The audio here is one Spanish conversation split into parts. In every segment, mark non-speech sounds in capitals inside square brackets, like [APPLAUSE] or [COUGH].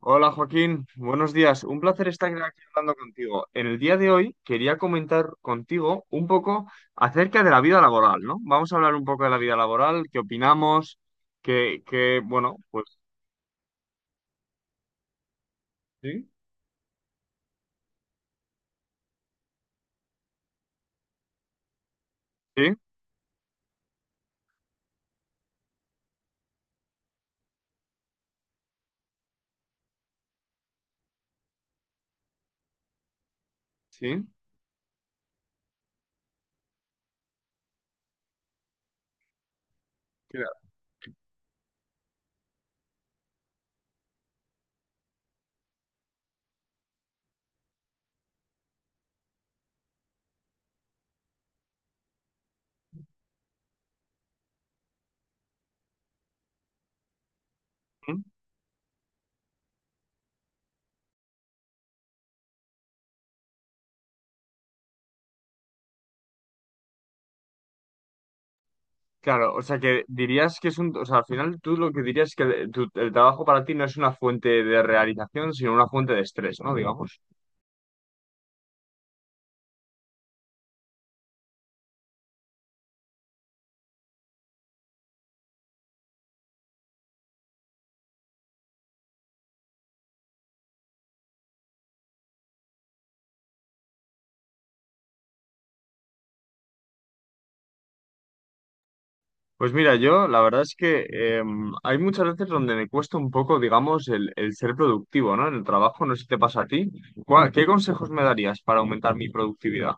Hola Joaquín, buenos días. Un placer estar aquí hablando contigo. En el día de hoy quería comentar contigo un poco acerca de la vida laboral, ¿no? Vamos a hablar un poco de la vida laboral, qué opinamos, bueno, pues sí, sí, sí. Claro. ¿Mm? Claro, o sea que dirías que es un, o sea, al final tú lo que dirías es que el trabajo para ti no es una fuente de realización, sino una fuente de estrés, ¿no? Digamos. Pues mira, yo la verdad es que hay muchas veces donde me cuesta un poco, digamos, el ser productivo, ¿no? En el trabajo, no sé si te pasa a ti. ¿Qué consejos me darías para aumentar mi productividad?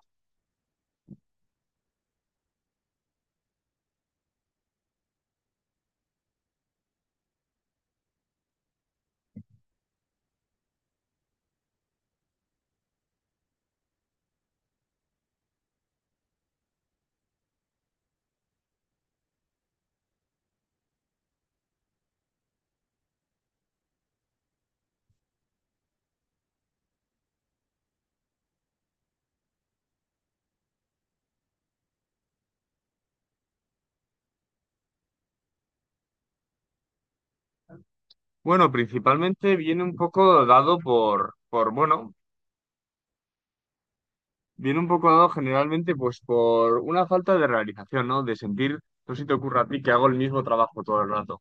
Bueno, principalmente viene un poco dado bueno, viene un poco dado generalmente pues por una falta de realización, ¿no? De sentir, no sé si te ocurre a ti que hago el mismo trabajo todo el rato.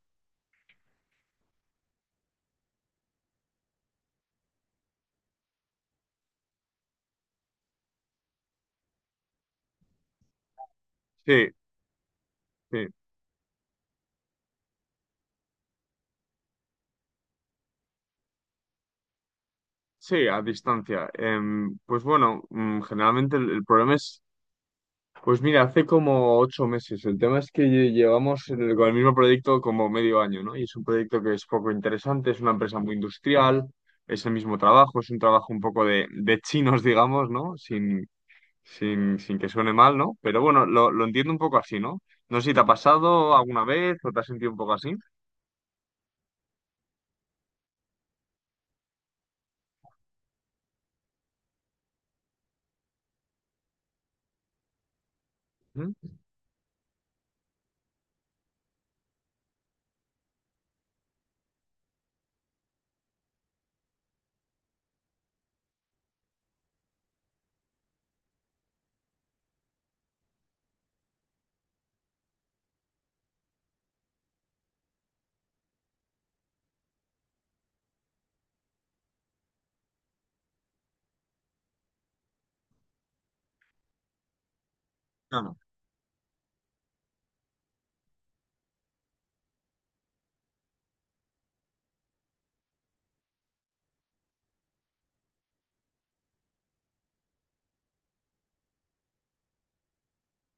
Sí, sí. Sí, a distancia. Pues bueno, mm, generalmente el problema es... Pues mira, hace como 8 meses. El tema es que llevamos con el mismo proyecto como 1/2 año, ¿no? Y es un proyecto que es poco interesante, es una empresa muy industrial, es el mismo trabajo, es un trabajo un poco de chinos, digamos, ¿no? Sin que suene mal, ¿no? Pero bueno, lo entiendo un poco así, ¿no? No sé si te ha pasado alguna vez o te has sentido un poco así. ¿Mm? No, no.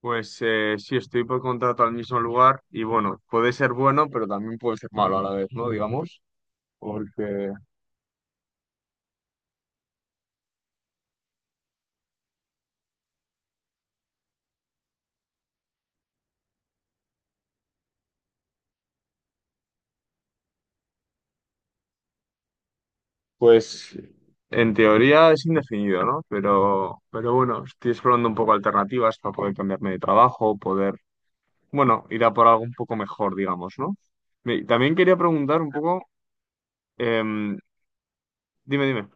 Pues sí, estoy por contrato al mismo lugar y bueno, puede ser bueno, pero también puede ser malo a la vez, ¿no? Digamos, porque... Pues en teoría es indefinido, ¿no? Pero bueno, estoy explorando un poco alternativas para poder cambiarme de trabajo, poder, bueno, ir a por algo un poco mejor, digamos, ¿no? También quería preguntar un poco, em, dime, dime.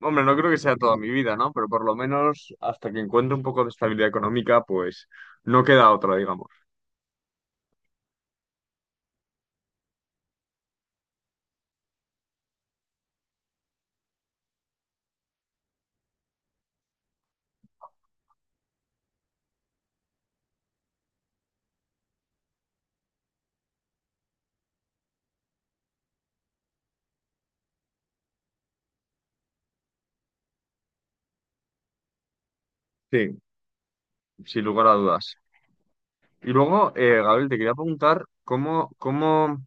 Hombre, no creo que sea toda mi vida, ¿no? Pero por lo menos hasta que encuentre un poco de estabilidad económica, pues no queda otra, digamos. Sí, sin lugar a dudas. Y luego, Gabriel, te quería preguntar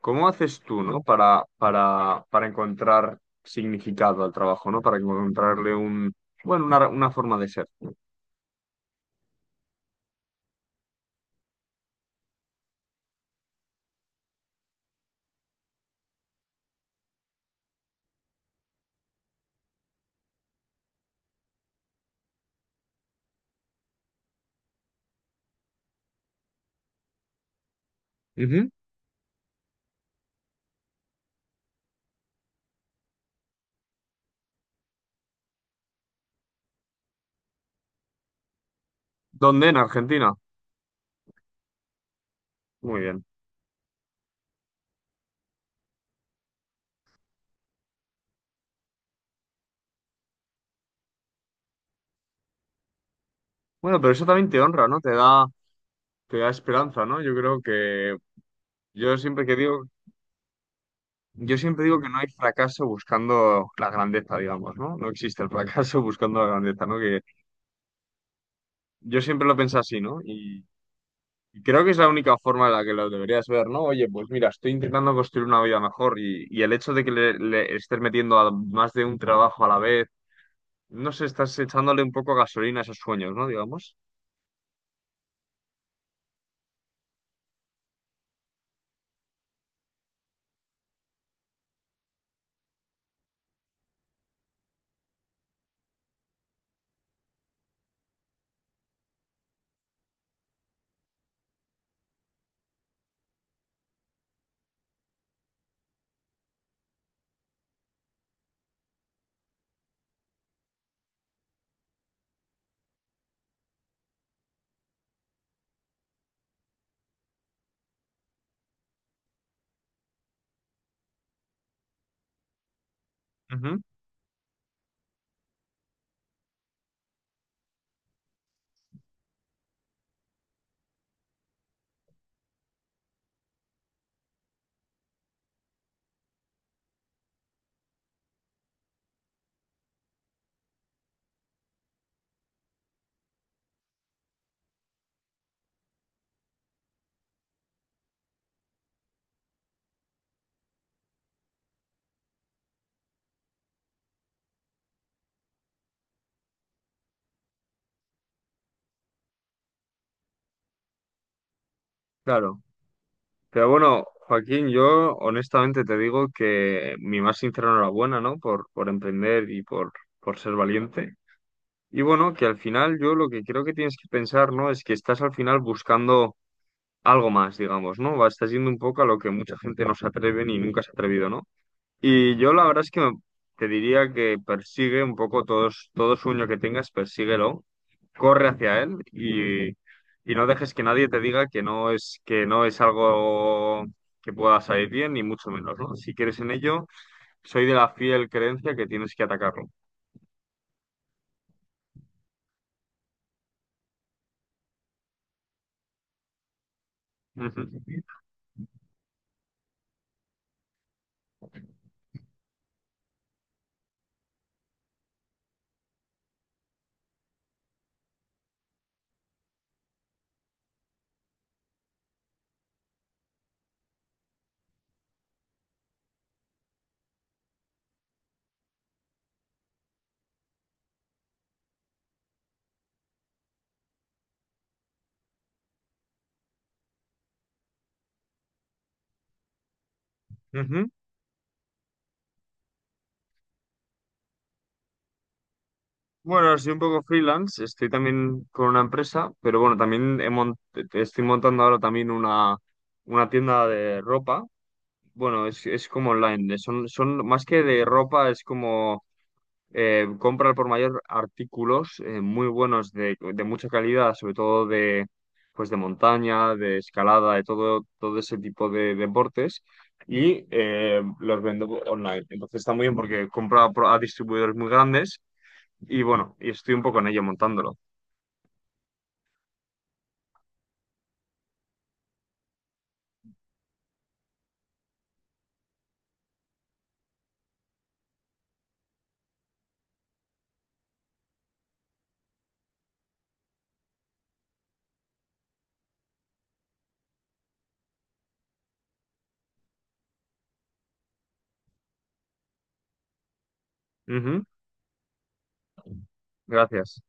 cómo haces tú, ¿no? Para encontrar significado al trabajo, ¿no? Para encontrarle un, bueno, una forma de ser. Ujú. ¿Dónde? En Argentina. Muy bien. Bueno, pero eso también te honra, ¿no? Te da esperanza, ¿no? Yo creo que yo siempre que digo, yo siempre digo que no hay fracaso buscando la grandeza, digamos, ¿no? No existe el fracaso [LAUGHS] buscando la grandeza, ¿no? Que yo siempre lo pensé así, ¿no? Y creo que es la única forma en la que lo deberías ver, ¿no? Oye, pues mira, estoy intentando construir una vida mejor y el hecho de que le estés metiendo a más de un trabajo a la vez, no sé, estás echándole un poco gasolina a esos sueños, ¿no? Digamos. Ujú. Claro. Pero bueno, Joaquín, yo honestamente te digo que mi más sincera enhorabuena, ¿no? Por emprender y por ser valiente. Y bueno, que al final yo lo que creo que tienes que pensar, ¿no? Es que estás al final buscando algo más, digamos, ¿no? Va, estás yendo un poco a lo que mucha gente no se atreve ni nunca se ha atrevido, ¿no? Y yo la verdad es que te diría que persigue un poco todo sueño que tengas, persíguelo, corre hacia él y no dejes que nadie te diga que no es algo que pueda salir bien, ni mucho menos, ¿no? Si quieres en ello, soy de la fiel creencia que tienes que atacarlo. Ujú. Ujú. Bueno, soy un poco freelance, estoy también con una empresa, pero bueno, también estoy montando ahora también una tienda de ropa. Bueno, es como online, son, son más que de ropa, es como compra al por mayor artículos muy buenos de mucha calidad, sobre todo de, pues de montaña, de escalada, de todo, todo ese tipo de deportes y los vendo online. Entonces está muy bien porque a distribuidores muy grandes y bueno, y estoy un poco en ello montándolo. Ujú, gracias.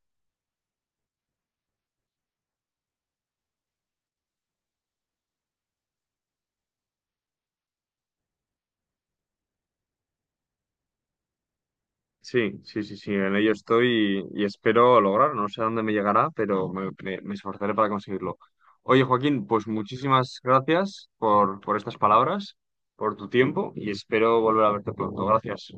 Sí, sí, sí, sí, en ello estoy y espero lograrlo. No sé a dónde me llegará, pero me esforzaré para conseguirlo. Oye, Joaquín, pues muchísimas gracias por estas palabras, por tu tiempo y espero volver a verte pronto. Gracias.